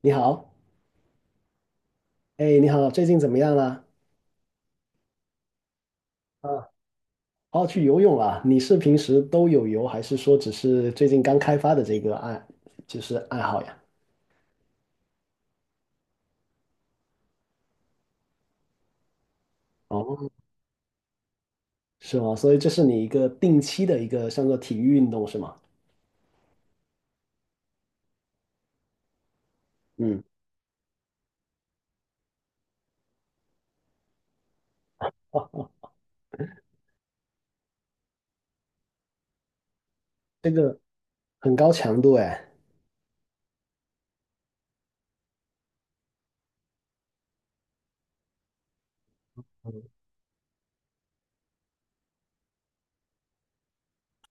你好，哎，你好，最近怎么样啦？啊，哦，去游泳啊？你是平时都有游，还是说只是最近刚开发的这个就是爱好呀？哦，是吗？所以这是你一个定期的一个像做体育运动是吗？嗯，哦哦，这个很高强度哎。嗯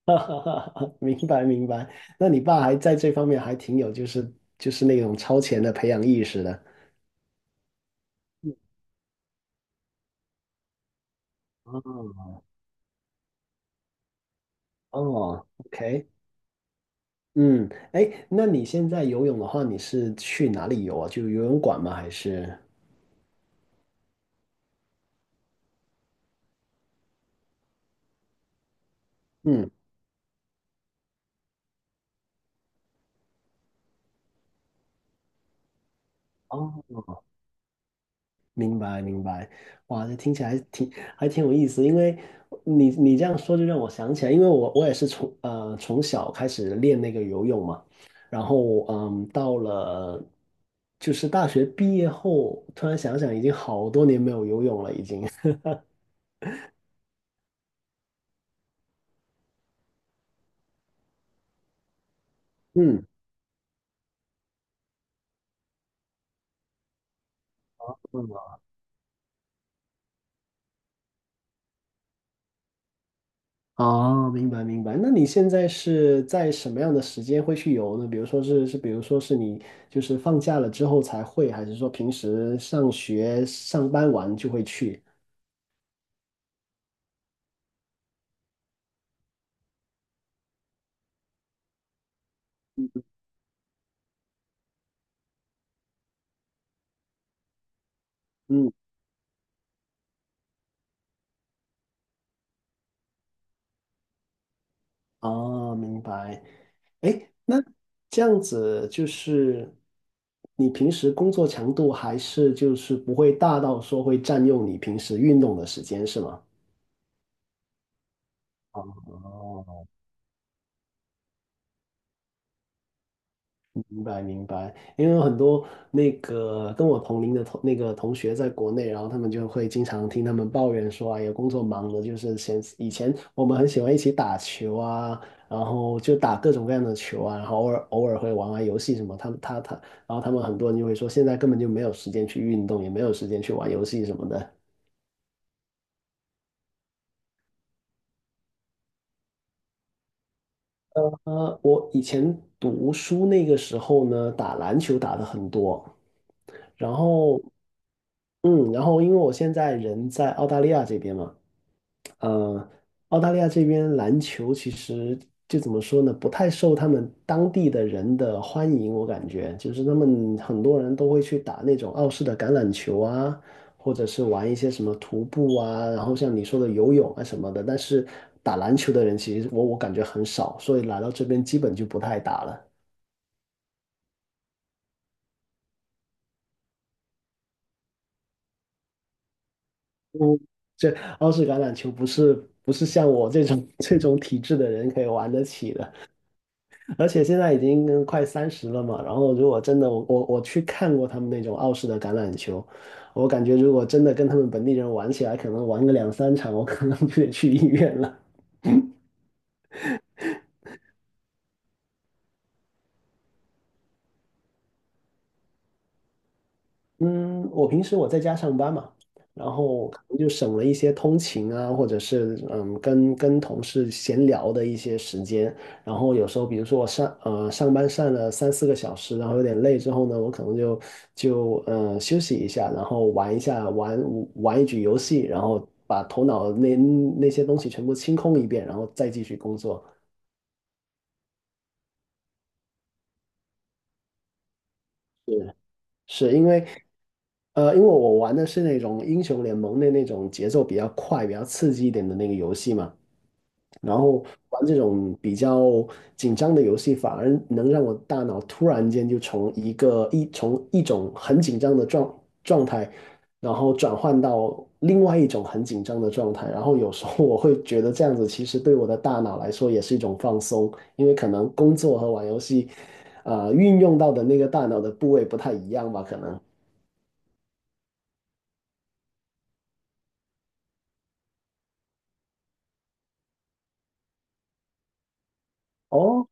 明白明白。那你爸还在这方面还挺有，就是那种超前的培养意识的。哦哦，OK，嗯，哎，那你现在游泳的话，你是去哪里游啊？就游泳馆吗？还是？嗯，哦，明白明白。哇，这听起来还挺有意思，因为你这样说就让我想起来，因为我也是从从小开始练那个游泳嘛，然后到了就是大学毕业后，突然想想已经好多年没有游泳了，已经。嗯哦，明白明白。那你现在是在什么样的时间会去游呢？比如说是，比如说是你就是放假了之后才会，还是说平时上学上班完就会去？嗯，哦，明白。哎，那这样子就是你平时工作强度还是就是不会大到说会占用你平时运动的时间，是吗？哦，明白明白，因为有很多那个跟我同龄的同那个同学在国内，然后他们就会经常听他们抱怨说啊，有工作忙的，就是以前我们很喜欢一起打球啊，然后就打各种各样的球啊，然后偶尔会玩玩游戏什么，他们，然后他们很多人就会说，现在根本就没有时间去运动，也没有时间去玩游戏什么的。我以前读书那个时候呢，打篮球打的很多，然后嗯，然后因为我现在人在澳大利亚这边嘛。呃，澳大利亚这边篮球其实就怎么说呢，不太受他们当地的人的欢迎，我感觉就是他们很多人都会去打那种澳式的橄榄球啊，或者是玩一些什么徒步啊，然后像你说的游泳啊什么的，但是打篮球的人其实我感觉很少，所以来到这边基本就不太打了。嗯，这澳式橄榄球不是像我这种 这种体质的人可以玩得起的。而且现在已经快三十了嘛，然后如果真的我去看过他们那种澳式的橄榄球，我感觉如果真的跟他们本地人玩起来，可能玩个两三场，我可能就得去医院了。嗯，我平时我在家上班嘛，然后可能就省了一些通勤啊，或者是跟同事闲聊的一些时间。然后有时候，比如说我上班上了三四个小时，然后有点累之后呢，我可能就休息一下，然后玩一局游戏，然后把头脑那些东西全部清空一遍，然后再继续工作。是因为我玩的是那种英雄联盟的那种节奏比较快、比较刺激一点的那个游戏嘛，然后玩这种比较紧张的游戏，反而能让我大脑突然间就从一种很紧张的状态，然后转换到另外一种很紧张的状态，然后有时候我会觉得这样子其实对我的大脑来说也是一种放松，因为可能工作和玩游戏运用到的那个大脑的部位不太一样吧？可能哦，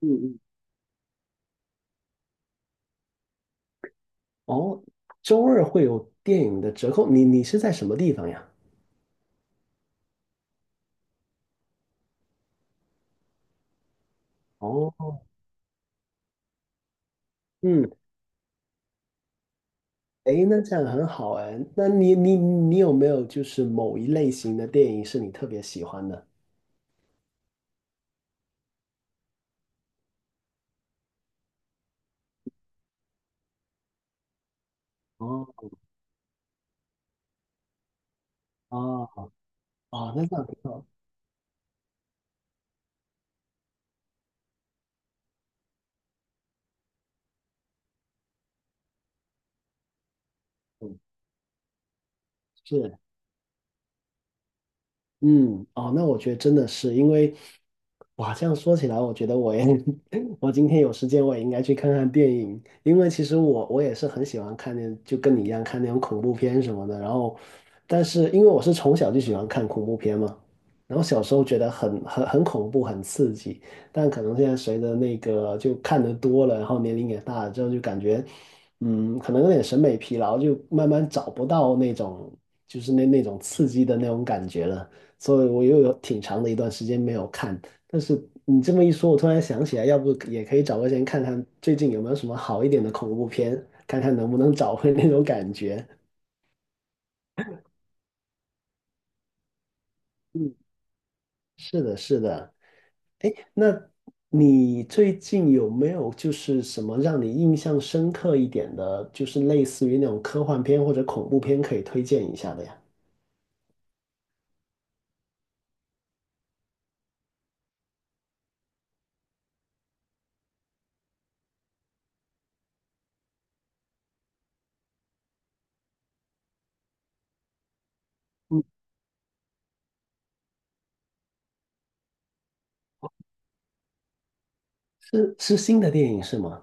嗯嗯，哦，周二会有电影的折扣，你是在什么地方呀？哦，嗯，诶，那这样很好哎。那你有没有就是某一类型的电影是你特别喜欢的？哦哦哦，那这样挺好。嗯，是。嗯，哦，那我觉得真的是因为，哇，这样说起来，我觉得我也，我今天有时间，我也应该去看看电影，因为其实我也是很喜欢看就跟你一样看那种恐怖片什么的。然后，但是因为我是从小就喜欢看恐怖片嘛，然后小时候觉得很恐怖，很刺激，但可能现在随着那个就看得多了，然后年龄也大了之后，就感觉，嗯，可能有点审美疲劳，就慢慢找不到那种就是那种刺激的那种感觉了。所以我又有挺长的一段时间没有看。但是你这么一说，我突然想起来，要不也可以找个时间看看最近有没有什么好一点的恐怖片，看看能不能找回那种感觉。嗯，是的，是的。那你最近有没有就是什么让你印象深刻一点的，就是类似于那种科幻片或者恐怖片可以推荐一下的呀？是新的电影是吗？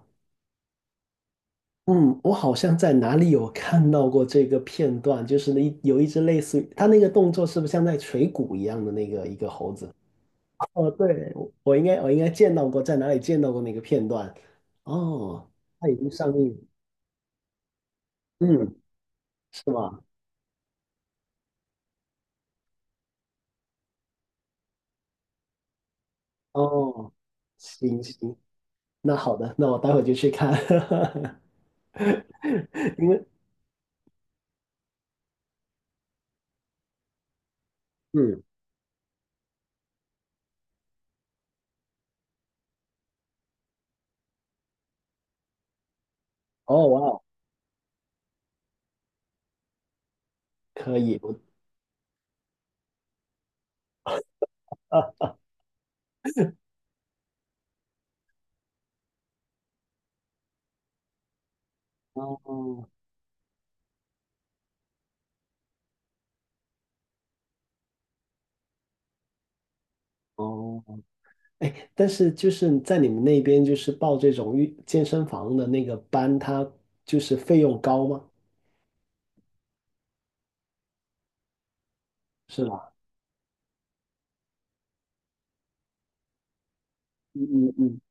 嗯，我好像在哪里有看到过这个片段，就是有一只类似于它那个动作，是不是像在锤鼓一样的那个一个猴子？哦，对，我应该见到过，在哪里见到过那个片段？哦，它已经上映了嗯，是吗？哦，行行，那好的，那我待会就去看，因为嗯，哦哇哦，可以，我啊，哦哦。哎，但是就是在你们那边，就是报这种健身房的那个班，它就是费用高吗？是吧？嗯嗯嗯，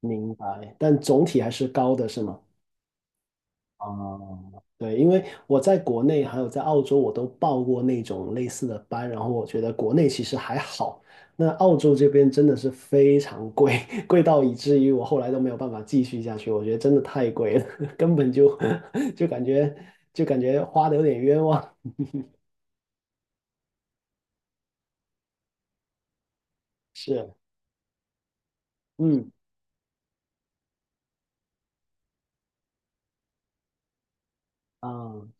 明白。但总体还是高的，是吗？啊，对，因为我在国内还有在澳洲，我都报过那种类似的班，然后我觉得国内其实还好，那澳洲这边真的是非常贵，贵到以至于我后来都没有办法继续下去，我觉得真的太贵了，根本就 就感觉就感觉花的有点冤枉，是。嗯，啊，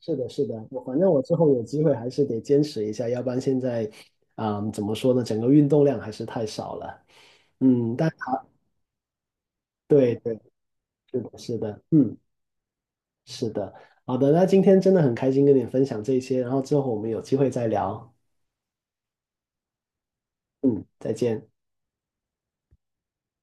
是的，是的，我反正我之后有机会还是得坚持一下，要不然现在，啊，怎么说呢，整个运动量还是太少了。嗯，但好，对对，是的，是的，嗯，是的，好的，那今天真的很开心跟你分享这些，然后之后我们有机会再聊。嗯，再见。